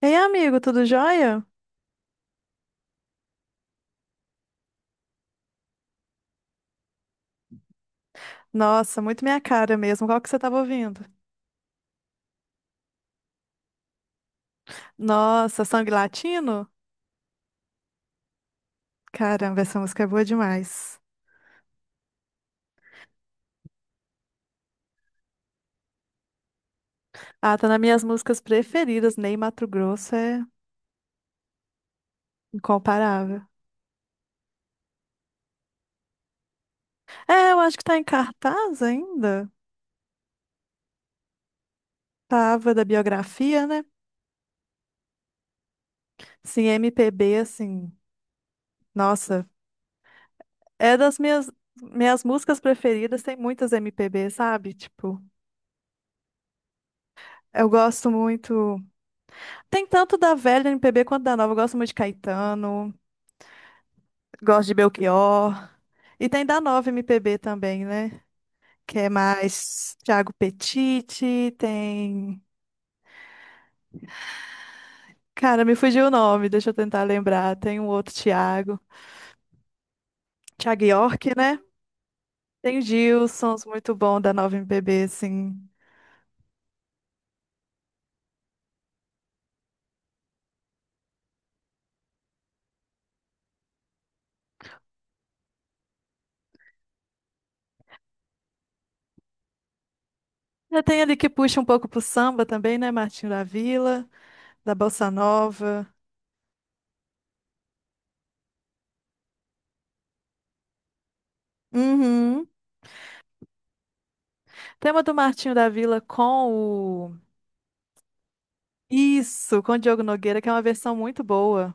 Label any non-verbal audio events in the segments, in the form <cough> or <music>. Ei, amigo, tudo jóia? Nossa, muito minha cara mesmo. Qual que você tava ouvindo? Nossa, Sangue Latino? Caramba, essa música é boa demais. Ah, tá nas minhas músicas preferidas. Ney Matogrosso é incomparável. É, eu acho que tá em cartaz ainda. Tava da biografia, né? Sim, MPB, assim. Nossa, é das minhas músicas preferidas. Tem muitas MPB, sabe? Tipo, eu gosto muito. Tem tanto da velha MPB quanto da nova. Eu gosto muito de Caetano. Gosto de Belchior. E tem da Nova MPB também, né? Que é mais Thiago Petiti, tem. Cara, me fugiu o nome, deixa eu tentar lembrar. Tem um outro Thiago. Thiago York, né? Tem o Gilsons, muito bom da Nova MPB, assim. Já tem ali que puxa um pouco pro samba também, né? Martinho da Vila, da Bossa Nova. Uhum. Tem uma do Martinho da Vila com o. Isso, com o Diogo Nogueira, que é uma versão muito boa.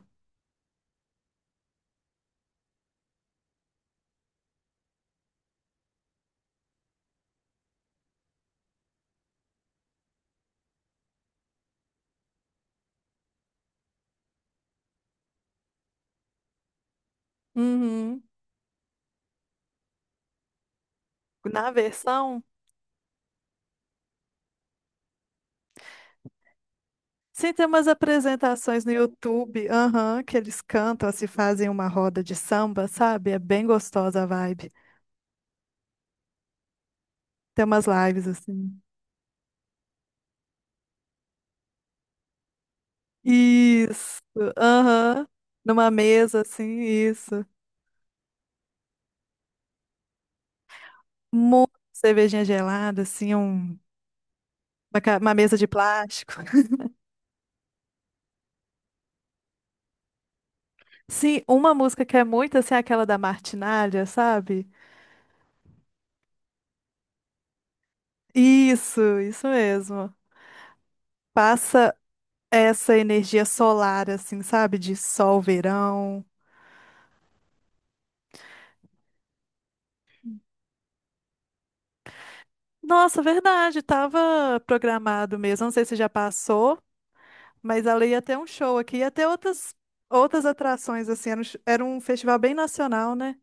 Uhum. Na versão. Sim, tem umas apresentações no YouTube, aham, que eles cantam, assim, fazem uma roda de samba, sabe? É bem gostosa a vibe. Tem umas lives assim. Isso, aham. Numa mesa, assim, isso. Muita cervejinha gelada, assim, uma mesa de plástico. <laughs> Sim, uma música que é muito, assim, aquela da Martinália, sabe? Isso mesmo. Passa essa energia solar, assim, sabe? De sol, verão. Nossa, verdade, tava programado mesmo. Não sei se já passou, mas ela ia ter um show aqui, ia ter outras, outras atrações, assim. Era era um festival bem nacional, né?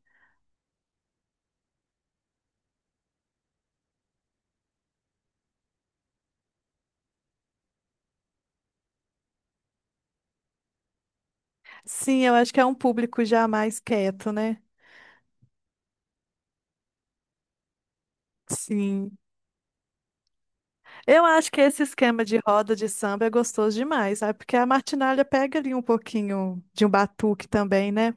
Sim, eu acho que é um público já mais quieto, né? Sim. Eu acho que esse esquema de roda de samba é gostoso demais, sabe? Porque a martinália pega ali um pouquinho de um batuque também, né?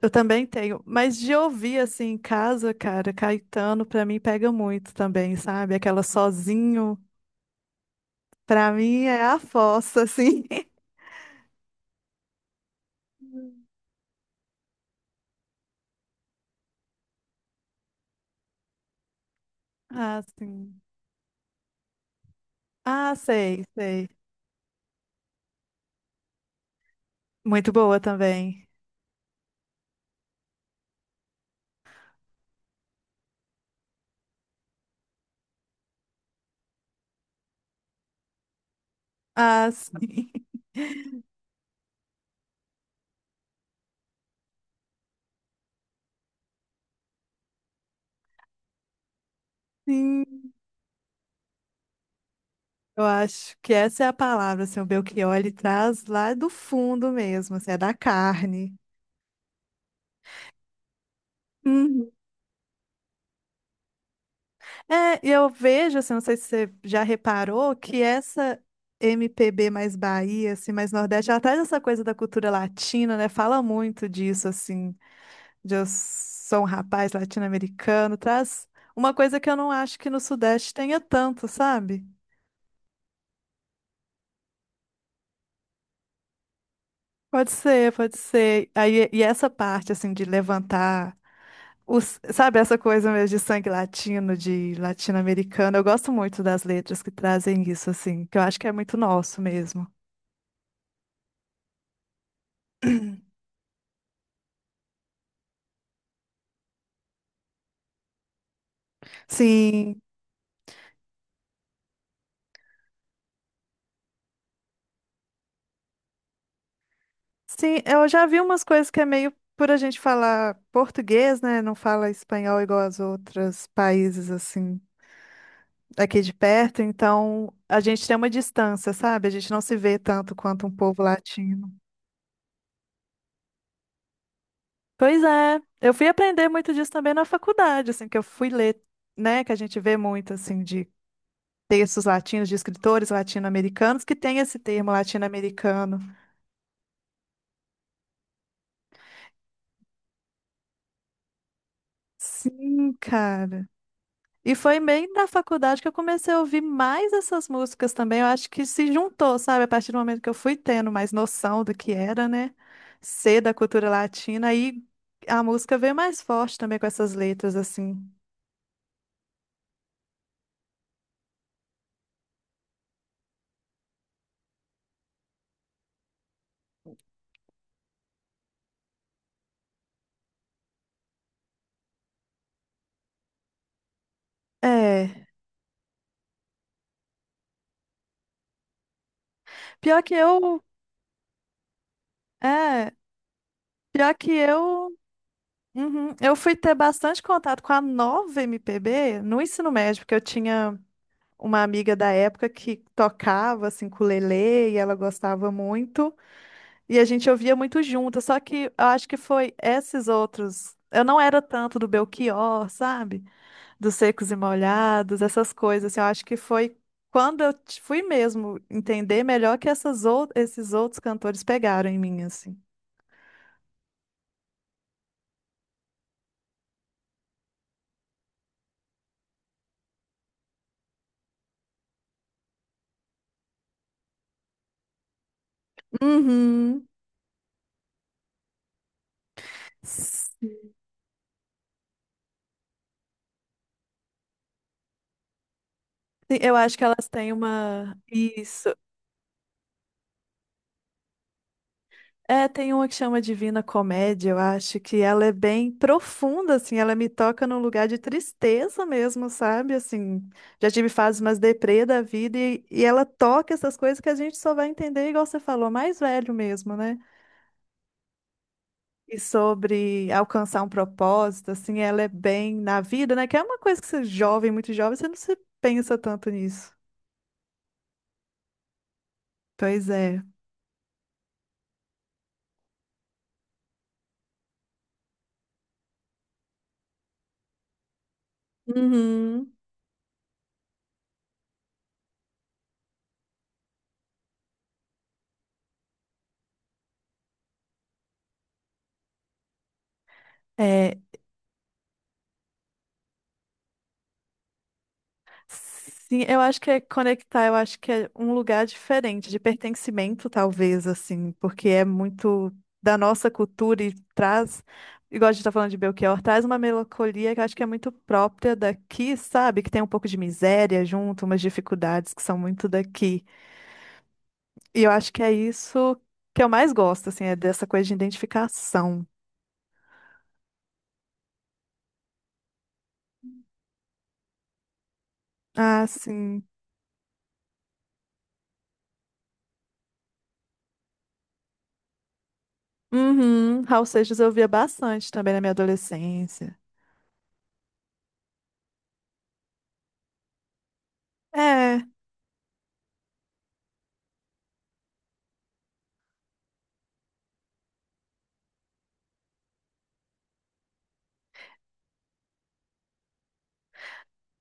Eu também tenho, mas de ouvir assim em casa, cara, Caetano pra mim pega muito também, sabe? Aquela sozinho. Pra mim é a fossa, assim. <laughs> Ah, sim. Ah, sei, sei. Muito boa também. Ah, sim. <laughs> Sim, eu acho que essa é a palavra, assim, o Belchior, ele traz lá do fundo mesmo, assim, é da carne. Uhum. É, e eu vejo, assim, não sei se você já reparou, que essa MPB mais Bahia, assim, mais Nordeste, ela traz essa coisa da cultura latina, né? Fala muito disso, assim, de Eu sou um rapaz latino-americano, traz uma coisa que eu não acho que no Sudeste tenha tanto, sabe? Pode ser, pode ser. Aí, e essa parte, assim, de levantar, os, sabe, essa coisa mesmo de sangue latino, de latino-americano, eu gosto muito das letras que trazem isso, assim, que eu acho que é muito nosso mesmo. Sim, sim, eu já vi umas coisas que é meio por a gente falar português, né? Não fala espanhol igual aos outros países, assim. Aqui de perto, então a gente tem uma distância, sabe? A gente não se vê tanto quanto um povo latino. Pois é, eu fui aprender muito disso também na faculdade, assim, que eu fui ler, né, que a gente vê muito, assim, de textos latinos, de escritores latino-americanos, que tem esse termo latino-americano. Sim, cara. E foi bem na faculdade que eu comecei a ouvir mais essas músicas também. Eu acho que se juntou, sabe? A partir do momento que eu fui tendo mais noção do que era, né? Ser da cultura latina. Aí a música veio mais forte também com essas letras, assim. É. Pior que eu. É. Pior que eu. Uhum. Eu fui ter bastante contato com a nova MPB no ensino médio, porque eu tinha uma amiga da época que tocava, assim, com ukulele, e ela gostava muito. E a gente ouvia muito junto, só que eu acho que foi esses outros. Eu não era tanto do Belchior, sabe? Dos Secos e Molhados, essas coisas. Assim, eu acho que foi quando fui mesmo entender melhor que esses outros cantores pegaram em mim, assim. Uhum. Sim, eu acho que elas têm uma. Isso. É, tem uma que chama Divina Comédia, eu acho que ela é bem profunda, assim, ela me toca num lugar de tristeza mesmo, sabe? Assim, já tive fases mais deprê da vida e ela toca essas coisas que a gente só vai entender, igual você falou, mais velho mesmo, né? E sobre alcançar um propósito, assim, ela é bem na vida, né? Que é uma coisa que você é jovem, muito jovem, você não se pensa tanto nisso. Pois é. Uhum. É, sim, eu acho que é conectar, eu acho que é um lugar diferente, de pertencimento, talvez, assim, porque é muito da nossa cultura e traz, igual a gente tá falando de Belchior, traz uma melancolia que eu acho que é muito própria daqui, sabe? Que tem um pouco de miséria junto, umas dificuldades que são muito daqui. E eu acho que é isso que eu mais gosto, assim, é dessa coisa de identificação. Ah, sim. Uhum. Raul Seixas eu via bastante também na minha adolescência. É.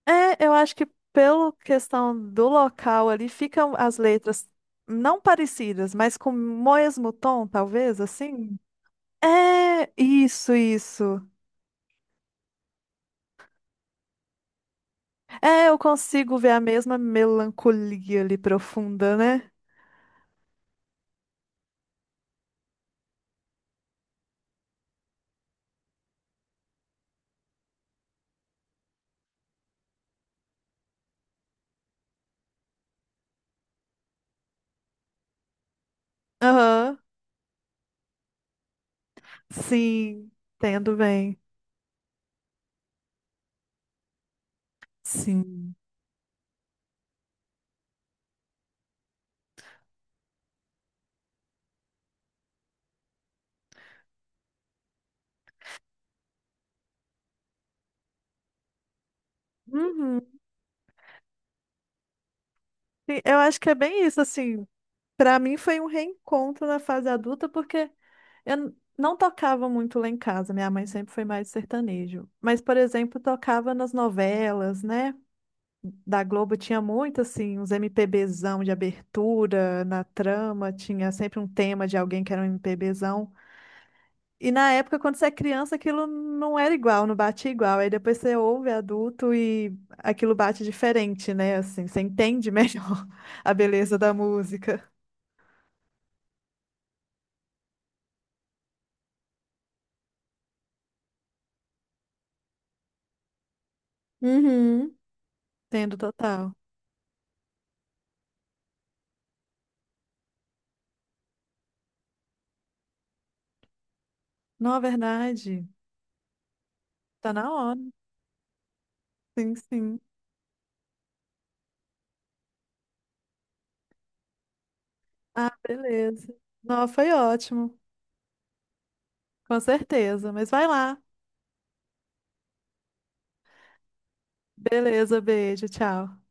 É, eu acho que pela questão do local ali, ficam as letras não parecidas, mas com o mesmo tom, talvez, assim. É, isso, isso. É, eu consigo ver a mesma melancolia ali profunda, né? Aham. Sim, entendo bem. Sim. Uhum. Sim, eu acho que é bem isso, assim. Pra mim foi um reencontro na fase adulta, porque eu não tocava muito lá em casa, minha mãe sempre foi mais sertanejo. Mas, por exemplo, tocava nas novelas, né? Da Globo tinha muito, assim, uns MPBzão de abertura, na trama, tinha sempre um tema de alguém que era um MPBzão. E na época, quando você é criança, aquilo não era igual, não batia igual. Aí depois você ouve adulto e aquilo bate diferente, né? Assim, você entende melhor <laughs> a beleza da música. Uhum. Entendo total. Não, é verdade. Tá na hora. Sim, sim. Ah, beleza. Não, foi ótimo. Com certeza. Mas vai lá. Beleza, beijo, tchau.